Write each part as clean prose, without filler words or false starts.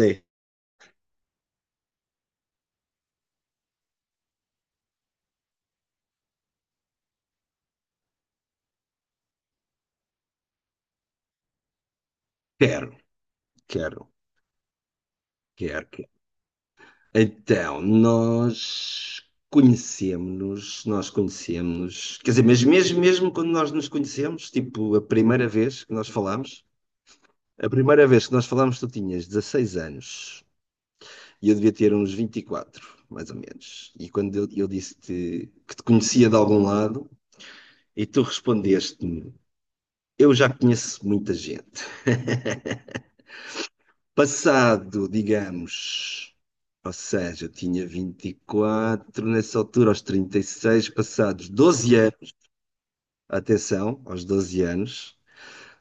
Lê. Quero, quero, quero. Então, nós conhecemos-nos, nós conhecemos, quer dizer, mas mesmo, mesmo quando nós nos conhecemos, tipo, a primeira vez que nós falámos, tu tinhas 16 anos e eu devia ter uns 24, mais ou menos. E quando eu disse-te que te conhecia de algum lado, e tu respondeste-me, eu já conheço muita gente. Passado, digamos, ou seja, eu tinha 24 nessa altura, aos 36, passados doze anos, atenção, aos doze anos,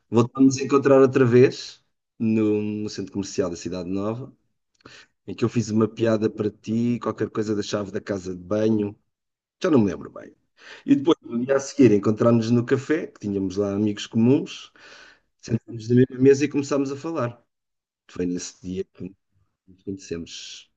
voltamos a encontrar outra vez no centro comercial da Cidade Nova, em que eu fiz uma piada para ti, qualquer coisa da chave da casa de banho, já não me lembro bem. E depois, no dia a seguir, encontrámos-nos no café, que tínhamos lá amigos comuns, sentámos na mesma mesa e começámos a falar. Foi nesse dia que nos conhecemos.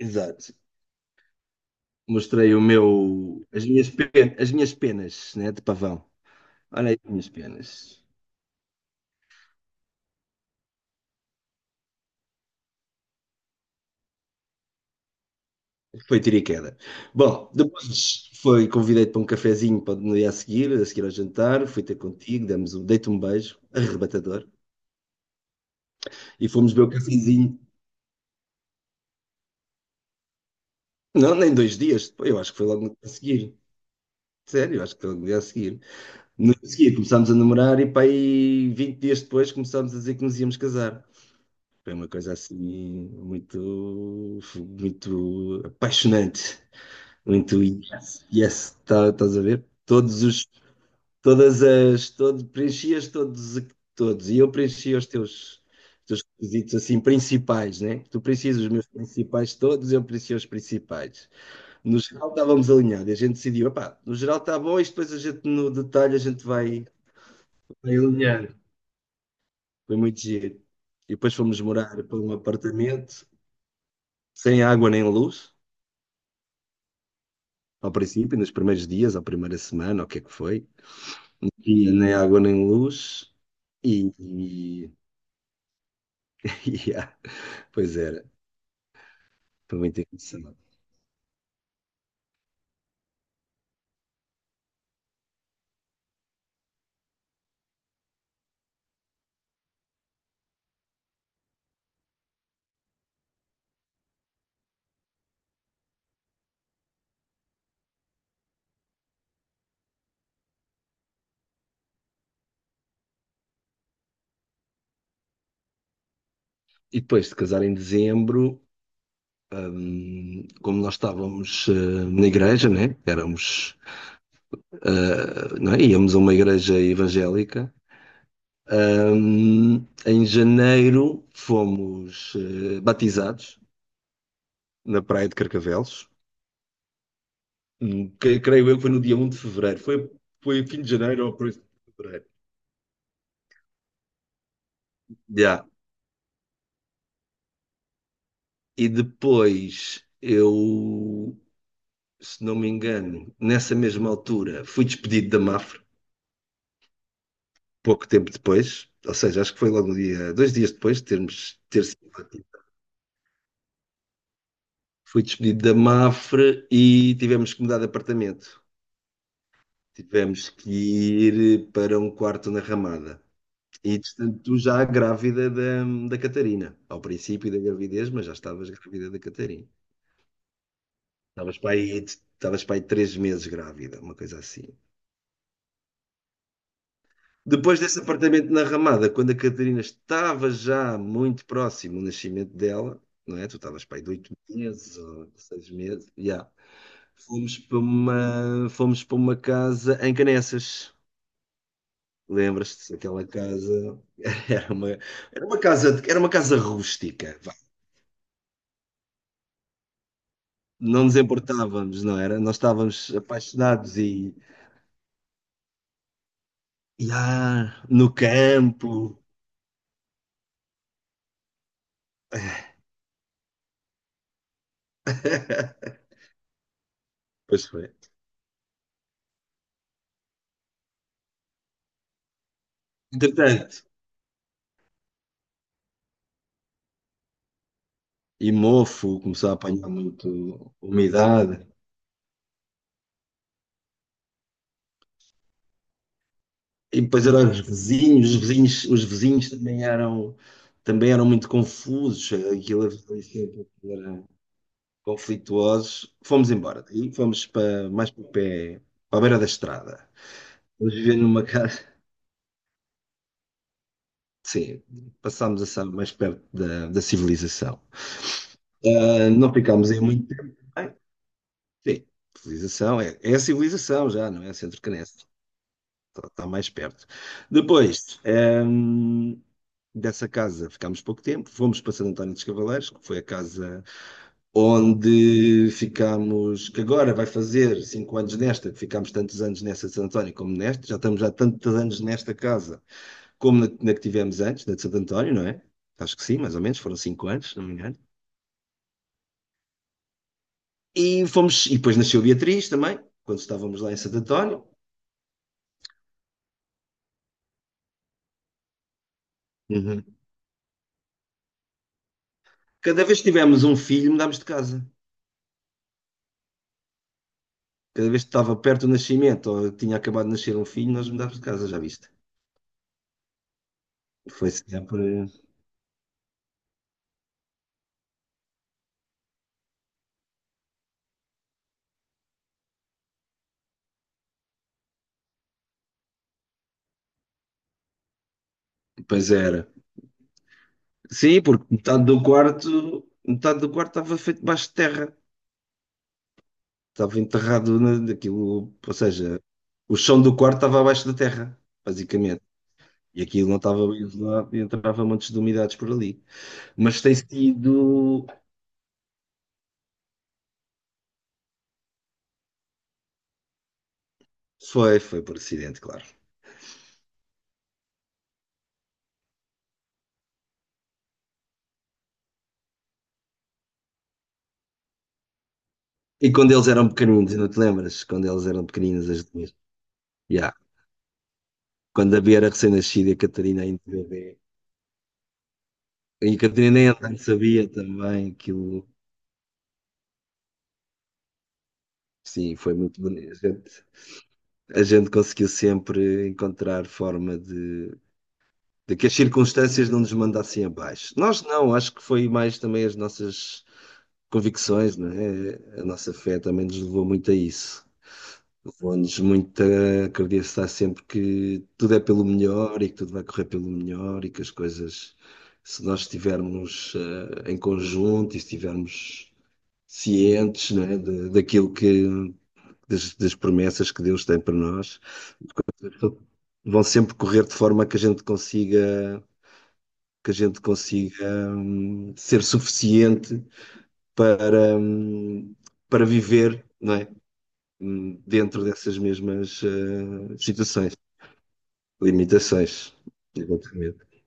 Exato. Mostrei as minhas, as minhas penas, né, de pavão. Olha aí as minhas penas. Foi tiro e queda. Bom, convidei-te para um cafezinho para no dia a seguir ao jantar, fui ter contigo, dei-te um beijo, arrebatador, e fomos beber o cafezinho. Não, nem dois dias depois, eu acho que foi logo no dia a seguir. Sério, eu acho que foi logo no dia a seguir. No dia a seguir começámos a namorar e para aí 20 dias depois começámos a dizer que nos íamos casar. Foi uma coisa assim muito, muito apaixonante, muito yes, yes, estás a ver? Todos os, todas as, todo, preenchias todos, e eu preenchia teus requisitos assim principais, né? Tu precisas os meus principais todos, eu preenchia os principais. No geral estávamos alinhados, a gente decidiu, epá, no geral está bom, e depois a gente no detalhe a gente vai alinhando. Foi muito giro. E depois fomos morar para um apartamento sem água nem luz. Ao princípio, nos primeiros dias, à primeira semana, o que é que foi, e nem água nem luz, e, e, e pois era, foi muito engraçado. E depois de casar em dezembro, como nós estávamos na igreja, né? Éramos, não é? Íamos a uma igreja evangélica. Hum, em janeiro fomos batizados na Praia de Carcavelos. Creio eu que foi no dia um de fevereiro. Foi fim de janeiro ou por isso de fevereiro. Já. E depois eu, se não me engano, nessa mesma altura fui despedido da Mafre pouco tempo depois, ou seja, acho que foi logo no dia, dois dias depois de ter sido batido. Fui despedido da Mafre e tivemos que mudar de apartamento. Tivemos que ir para um quarto na Ramada. E entretanto, já da Catarina, ao princípio da gravidez, mas já estavas grávida da Catarina. Estavas para aí três meses grávida, uma coisa assim. Depois desse apartamento na Ramada, quando a Catarina estava já muito próximo do nascimento dela, não é? Tu estavas pai de oito meses ou seis meses, já. Fomos para uma casa em Canessas. Lembras-te daquela casa? Era uma, era uma casa rústica. Vá. Não nos importávamos, não era? Nós estávamos apaixonados e, no campo. Pois foi. Entretanto, e mofo, começou a apanhar muito umidade. E depois eram os vizinhos, os vizinhos, os vizinhos, também eram muito confusos, aquilo ali sempre era conflituosos. Fomos embora, e fomos para, mais para o pé, para a beira da estrada. Fomos viver numa casa, sim, passámos a estar mais perto da civilização. Ah, não ficámos aí muito tempo, bem, sim, civilização, é a civilização já, não é centro canense. Está mais perto. Depois, dessa casa ficámos pouco tempo, fomos para Santo António dos Cavaleiros, que foi a casa onde ficámos, que agora vai fazer cinco anos nesta, que ficámos tantos anos nessa de Santo António como nesta, já estamos há tantos anos nesta casa como na que tivemos antes, na de Santo António, não é? Acho que sim, mais ou menos, foram cinco anos, se não me engano. E depois nasceu Beatriz também, quando estávamos lá em Santo António. Uhum. Cada vez que tivemos um filho, mudámos de casa. Cada vez que estava perto do nascimento ou tinha acabado de nascer um filho, nós mudávamos de casa, já viste? Foi sempre. Pois era. Sim, porque metade do quarto estava feito debaixo de terra. Estava enterrado naquilo, ou seja, o chão do quarto estava abaixo da terra, basicamente. E aquilo não estava bem isolado e entrava montes de umidades por ali. Mas tem sido. Foi por acidente, claro. E quando eles eram pequeninos, não te lembras? Quando eles eram pequeninos, as duas. Ya. Quando a Bia era recém-nascida e a Catarina ainda bebê. E a Catarina nem andar sabia também aquilo. Sim, foi muito bonito. A gente conseguiu sempre encontrar forma de que as circunstâncias não nos mandassem abaixo. Nós não, acho que foi mais também as nossas convicções, não é? A nossa fé também nos levou muito a isso. Levou-nos muito a acreditar sempre que tudo é pelo melhor e que tudo vai correr pelo melhor e que as coisas, se nós estivermos em conjunto e estivermos cientes, né, daquilo que, das promessas que Deus tem para nós, vão sempre correr de forma que que a gente consiga, ser suficiente para, hum, para viver, não é? Dentro dessas mesmas situações. Limitações, exatamente.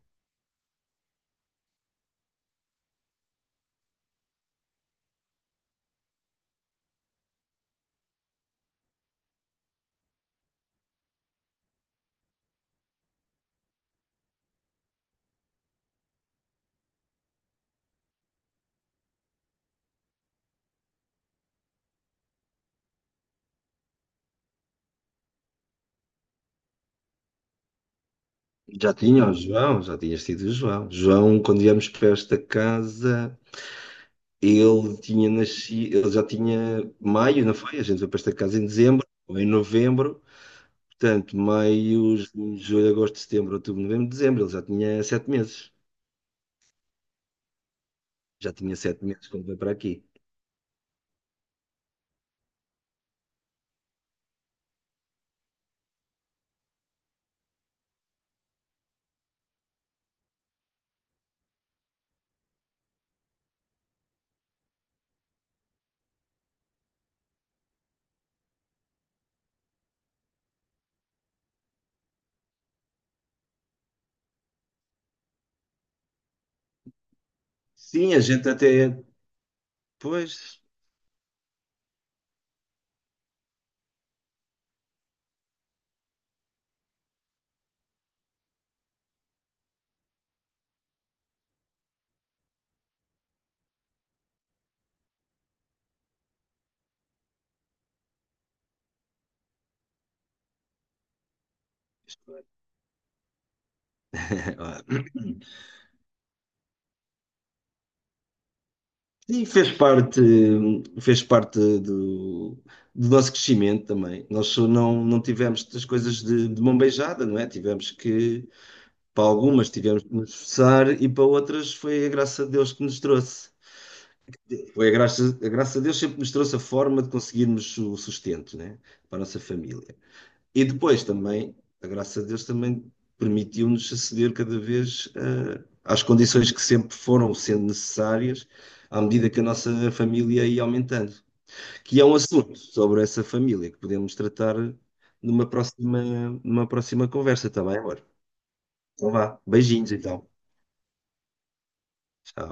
Já tinha o João, já tinhas tido o João. João, quando íamos para esta casa, ele tinha nascido, ele já tinha maio, não foi? A gente foi para esta casa em dezembro ou em novembro. Portanto, maio, junho, julho, agosto, setembro, outubro, novembro, dezembro. Ele já tinha sete meses. Já tinha sete meses quando veio para aqui. Sim, a gente até. Pois. Sim, fez parte do nosso crescimento também. Nós só não, não tivemos as coisas de mão beijada, não é? Tivemos que, para algumas tivemos que nos esforçar e para outras foi a graça de Deus que nos trouxe. Foi a graça de Deus sempre nos trouxe a forma de conseguirmos o sustento, né? Para a nossa família. E depois também, a graça de Deus também permitiu-nos aceder cada vez às condições que sempre foram sendo necessárias à medida que a nossa família ia aumentando. Que é um assunto sobre essa família que podemos tratar numa próxima, numa próxima conversa, está bem, amor? Então vá, beijinhos então. Tchau.